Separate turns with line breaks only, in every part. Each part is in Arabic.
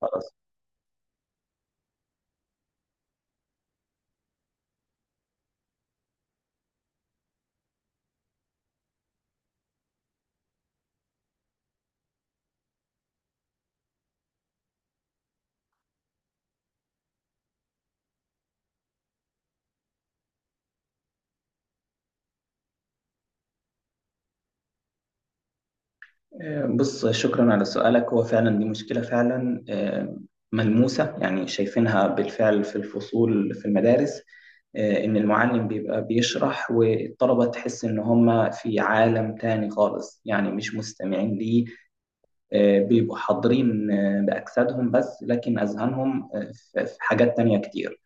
خلاص. بص، شكرا على سؤالك. هو فعلا دي مشكلة فعلا ملموسة، يعني شايفينها بالفعل في الفصول في المدارس. إن المعلم بيبقى بيشرح والطلبة تحس إن هم في عالم تاني خالص، يعني مش مستمعين ليه. بيبقوا حاضرين بأجسادهم بس، لكن أذهانهم في حاجات تانية كتير.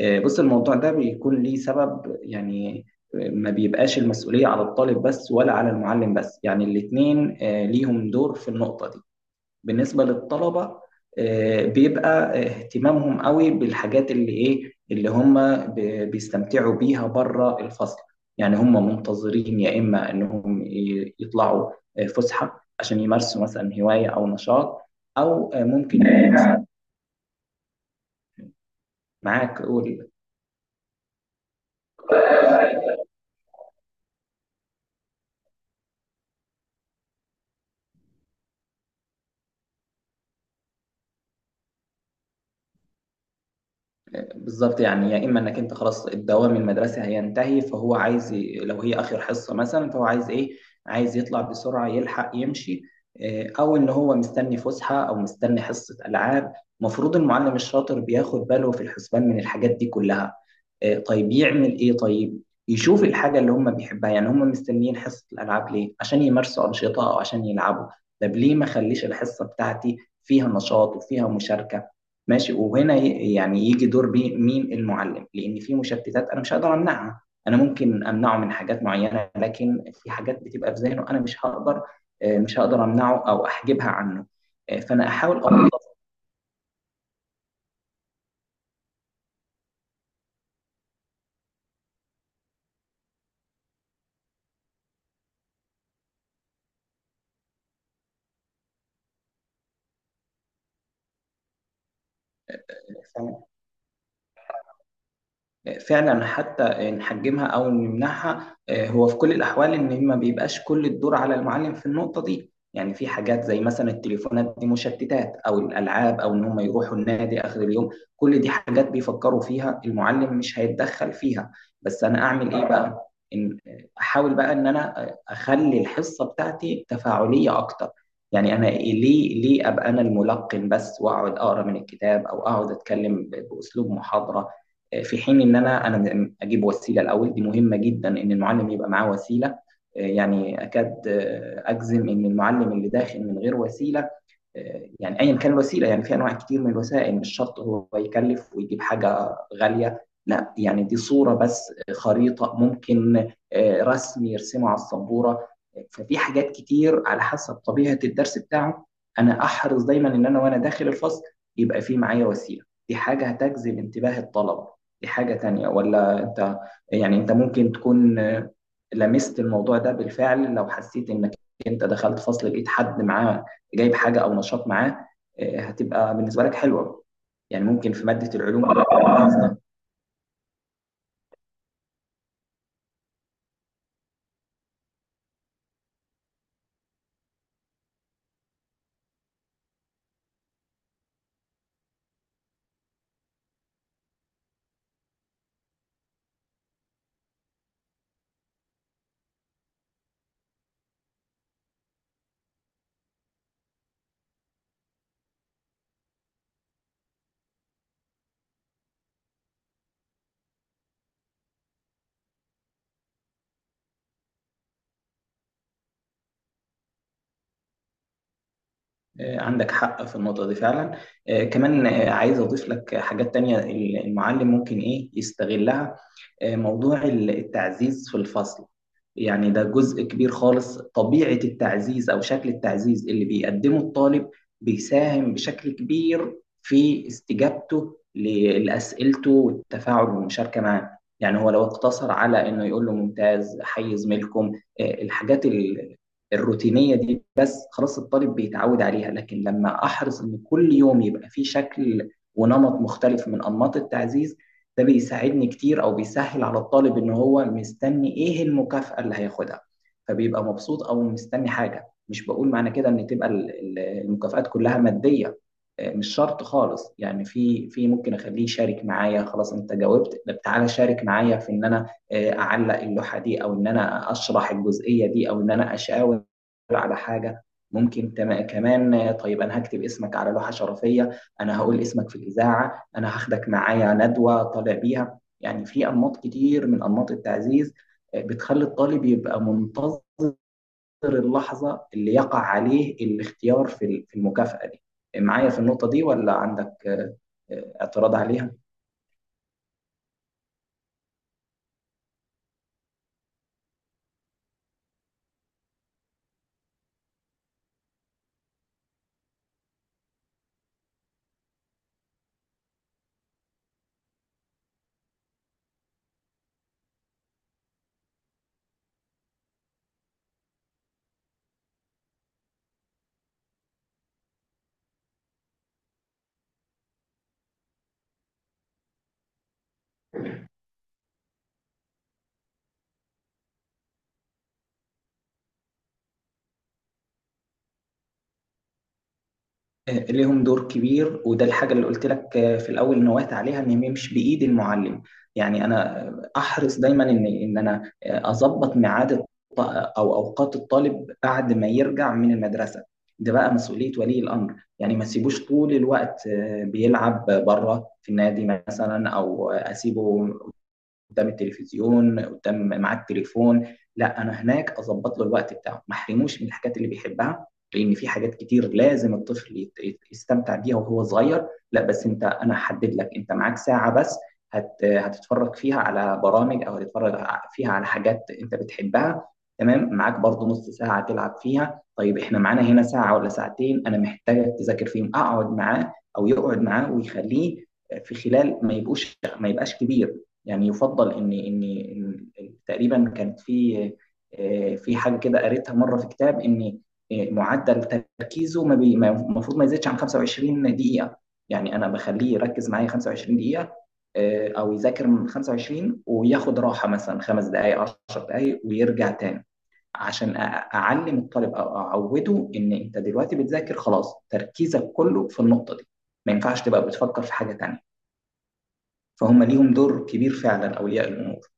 بص، الموضوع ده بيكون ليه سبب. يعني ما بيبقاش المسؤولية على الطالب بس، ولا على المعلم بس، يعني الاتنين ليهم دور في النقطة دي. بالنسبة للطلبة، بيبقى اهتمامهم قوي بالحاجات اللي ايه، اللي هم بيستمتعوا بيها بره الفصل. يعني هم منتظرين يا اما انهم يطلعوا فسحة عشان يمارسوا مثلا هواية او نشاط، او ممكن. معاك، قول. بالظبط، يعني يا اما انك انت خلاص الدوام المدرسي هينتهي، فهو عايز لو هي اخر حصه مثلا، فهو عايز ايه؟ عايز يطلع بسرعه يلحق يمشي. او ان هو مستني فسحه او مستني حصه العاب. المفروض المعلم الشاطر بياخد باله في الحسبان من الحاجات دي كلها. طيب يعمل ايه؟ طيب يشوف الحاجه اللي هم بيحبها. يعني هم مستنيين حصه الالعاب ليه؟ عشان يمارسوا انشطه او عشان يلعبوا. طب ليه ما خليش الحصه بتاعتي فيها نشاط وفيها مشاركه؟ ماشي. وهنا يعني يجي دور مين؟ المعلم. لان في مشتتات انا مش هقدر امنعها. انا ممكن امنعه من حاجات معينه، لكن في حاجات بتبقى في ذهنه انا مش هقدر، مش هقدر امنعه او احجبها عنه. فانا احاول اوظف. فعلا، حتى نحجمها او نمنعها، هو في كل الاحوال ان ما بيبقاش كل الدور على المعلم في النقطه دي. يعني في حاجات زي مثلا التليفونات دي مشتتات، او الالعاب، او ان هم يروحوا النادي اخر اليوم. كل دي حاجات بيفكروا فيها، المعلم مش هيتدخل فيها. بس انا اعمل ايه بقى؟ إن احاول بقى ان انا اخلي الحصه بتاعتي تفاعليه اكتر. يعني انا ليه ابقى انا الملقن بس، واقعد اقرا من الكتاب، او اقعد اتكلم باسلوب محاضره؟ في حين ان انا اجيب وسيله. الاول دي مهمه جدا، ان المعلم يبقى معاه وسيله. يعني اكاد اجزم ان المعلم اللي داخل من غير وسيله، يعني ايا كان الوسيله. يعني في انواع كتير من الوسائل، مش شرط هو يكلف ويجيب حاجه غاليه، لا، يعني دي صوره بس، خريطه، ممكن رسم يرسمه على السبوره. ففي حاجات كتير على حسب طبيعه الدرس بتاعه. انا احرص دايما ان انا وانا داخل الفصل يبقى في معايا وسيله. دي حاجه هتجذب انتباه الطلبه. دي حاجه تانية. ولا انت، يعني انت ممكن تكون لمست الموضوع ده بالفعل. لو حسيت انك انت دخلت فصل لقيت حد معاه جايب حاجه او نشاط معاه، هتبقى بالنسبه لك حلوه. يعني ممكن في ماده العلوم تبقى افضل. عندك حق في النقطه دي فعلا. كمان عايز اضيف لك حاجات تانية. المعلم ممكن ايه يستغلها؟ موضوع التعزيز في الفصل. يعني ده جزء كبير خالص. طبيعة التعزيز أو شكل التعزيز اللي بيقدمه الطالب، بيساهم بشكل كبير في استجابته لأسئلته والتفاعل والمشاركة معاه. يعني هو لو اقتصر على إنه يقول له ممتاز، حي زميلكم، الحاجات الروتينية دي بس، خلاص الطالب بيتعود عليها. لكن لما أحرص إن كل يوم يبقى فيه شكل ونمط مختلف من أنماط التعزيز، ده بيساعدني كتير، او بيسهل على الطالب ان هو مستني ايه المكافأة اللي هياخدها، فبيبقى مبسوط او مستني حاجة. مش بقول معنى كده ان تبقى ال- المكافآت كلها مادية، مش شرط خالص. يعني في ممكن اخليه يشارك معايا. خلاص انت جاوبت، طب تعالى شارك معايا في ان انا اعلق اللوحة دي، او ان انا اشرح الجزئية دي، او ان انا اشاور على حاجة. ممكن كمان طيب انا هكتب اسمك على لوحة شرفية، انا هقول اسمك في الإذاعة، انا هاخدك معايا ندوه طالع بيها. يعني في انماط كتير من انماط التعزيز بتخلي الطالب يبقى منتظر اللحظه اللي يقع عليه الاختيار في المكافاه دي. معايا في النقطه دي، ولا عندك اعتراض عليها؟ ليهم دور كبير، وده الحاجة اللي قلت لك في الأول نوهت عليها، إن ما يمشي بإيد المعلم. يعني أنا أحرص دايما إن أنا أظبط ميعاد أو أوقات الطالب بعد ما يرجع من المدرسة. ده بقى مسؤولية ولي الأمر. يعني ما تسيبوش طول الوقت بيلعب بره في النادي مثلا، أو أسيبه قدام التلفزيون، قدام مع التليفون. لا، انا هناك اظبط له الوقت بتاعه. ما احرموش من الحاجات اللي بيحبها، لان في حاجات كتير لازم الطفل يستمتع بيها وهو صغير. لا بس انت، انا هحدد لك، انت معاك ساعة بس هتتفرج فيها على برامج، او هتتفرج فيها على حاجات انت بتحبها. تمام. معاك برضو نص ساعة تلعب فيها. طيب احنا معانا هنا ساعة ولا ساعتين انا محتاجك تذاكر فيهم. اقعد معاه او يقعد معاه ويخليه. في خلال ما يبقوش ما يبقاش كبير، يعني يفضل ان تقريبا كانت في في حاجه كده قريتها مره في كتاب، ان معدل تركيزه ما بي- ما- المفروض ما يزيدش عن 25 دقيقه. يعني انا بخليه يركز معايا 25 دقيقه او يذاكر من 25 وياخد راحه مثلا 5 دقائق 10 دقائق ويرجع تاني، عشان اعلم الطالب او اعوده ان انت دلوقتي بتذاكر، خلاص تركيزك كله في النقطه دي، ما ينفعش تبقى بتفكر في حاجه تانيه. فهم ليهم دور كبير فعلا، اولياء الامور.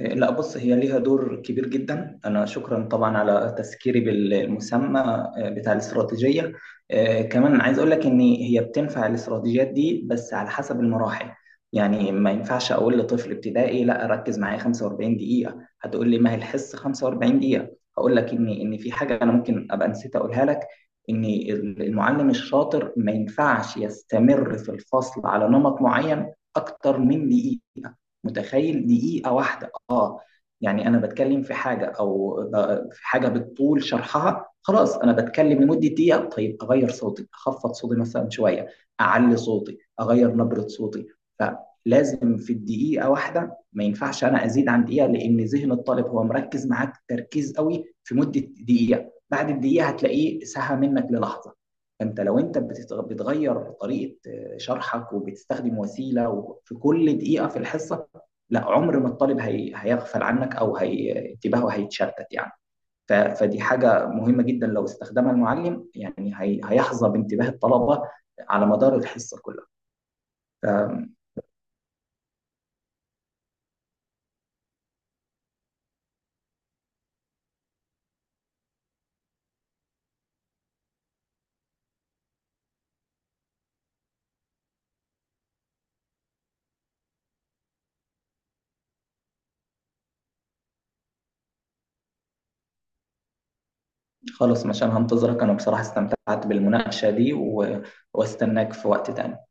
لا، بص، هي ليها دور كبير جدا. أنا شكرا طبعا على تذكيري بالمسمى بتاع الاستراتيجية. كمان عايز أقول لك إن هي بتنفع الاستراتيجيات دي بس على حسب المراحل. يعني ما ينفعش أقول لطفل ابتدائي لا ركز معايا 45 دقيقة. هتقول لي ما هي الحصة 45 دقيقة. هقول لك إن في حاجة أنا ممكن أبقى نسيت أقولها لك، إن المعلم الشاطر ما ينفعش يستمر في الفصل على نمط معين أكتر من دقيقة. متخيل؟ دقيقة واحدة. اه، يعني انا بتكلم في حاجه، او في حاجه بالطول شرحها، خلاص انا بتكلم لمده دقيقه. طيب اغير صوتي، اخفض صوتي مثلا شويه، اعلي صوتي، اغير نبره صوتي. فلازم في الدقيقه واحده، ما ينفعش انا ازيد عن دقيقه، لان ذهن الطالب هو مركز معاك تركيز قوي في مده دقيقه. بعد الدقيقه هتلاقيه سهى منك للحظه. فانت لو انت بتغير طريقه شرحك وبتستخدم وسيله في كل دقيقه في الحصه، لا عمر ما الطالب هيغفل عنك، او انتباهه هيتشتت. يعني فدي حاجه مهمه جدا لو استخدمها المعلم، يعني هيحظى بانتباه الطلبه على مدار الحصه كلها. خلاص، مشان هنتظرك. انا بصراحه استمتعت بالمناقشه دي واستناك في وقت تاني.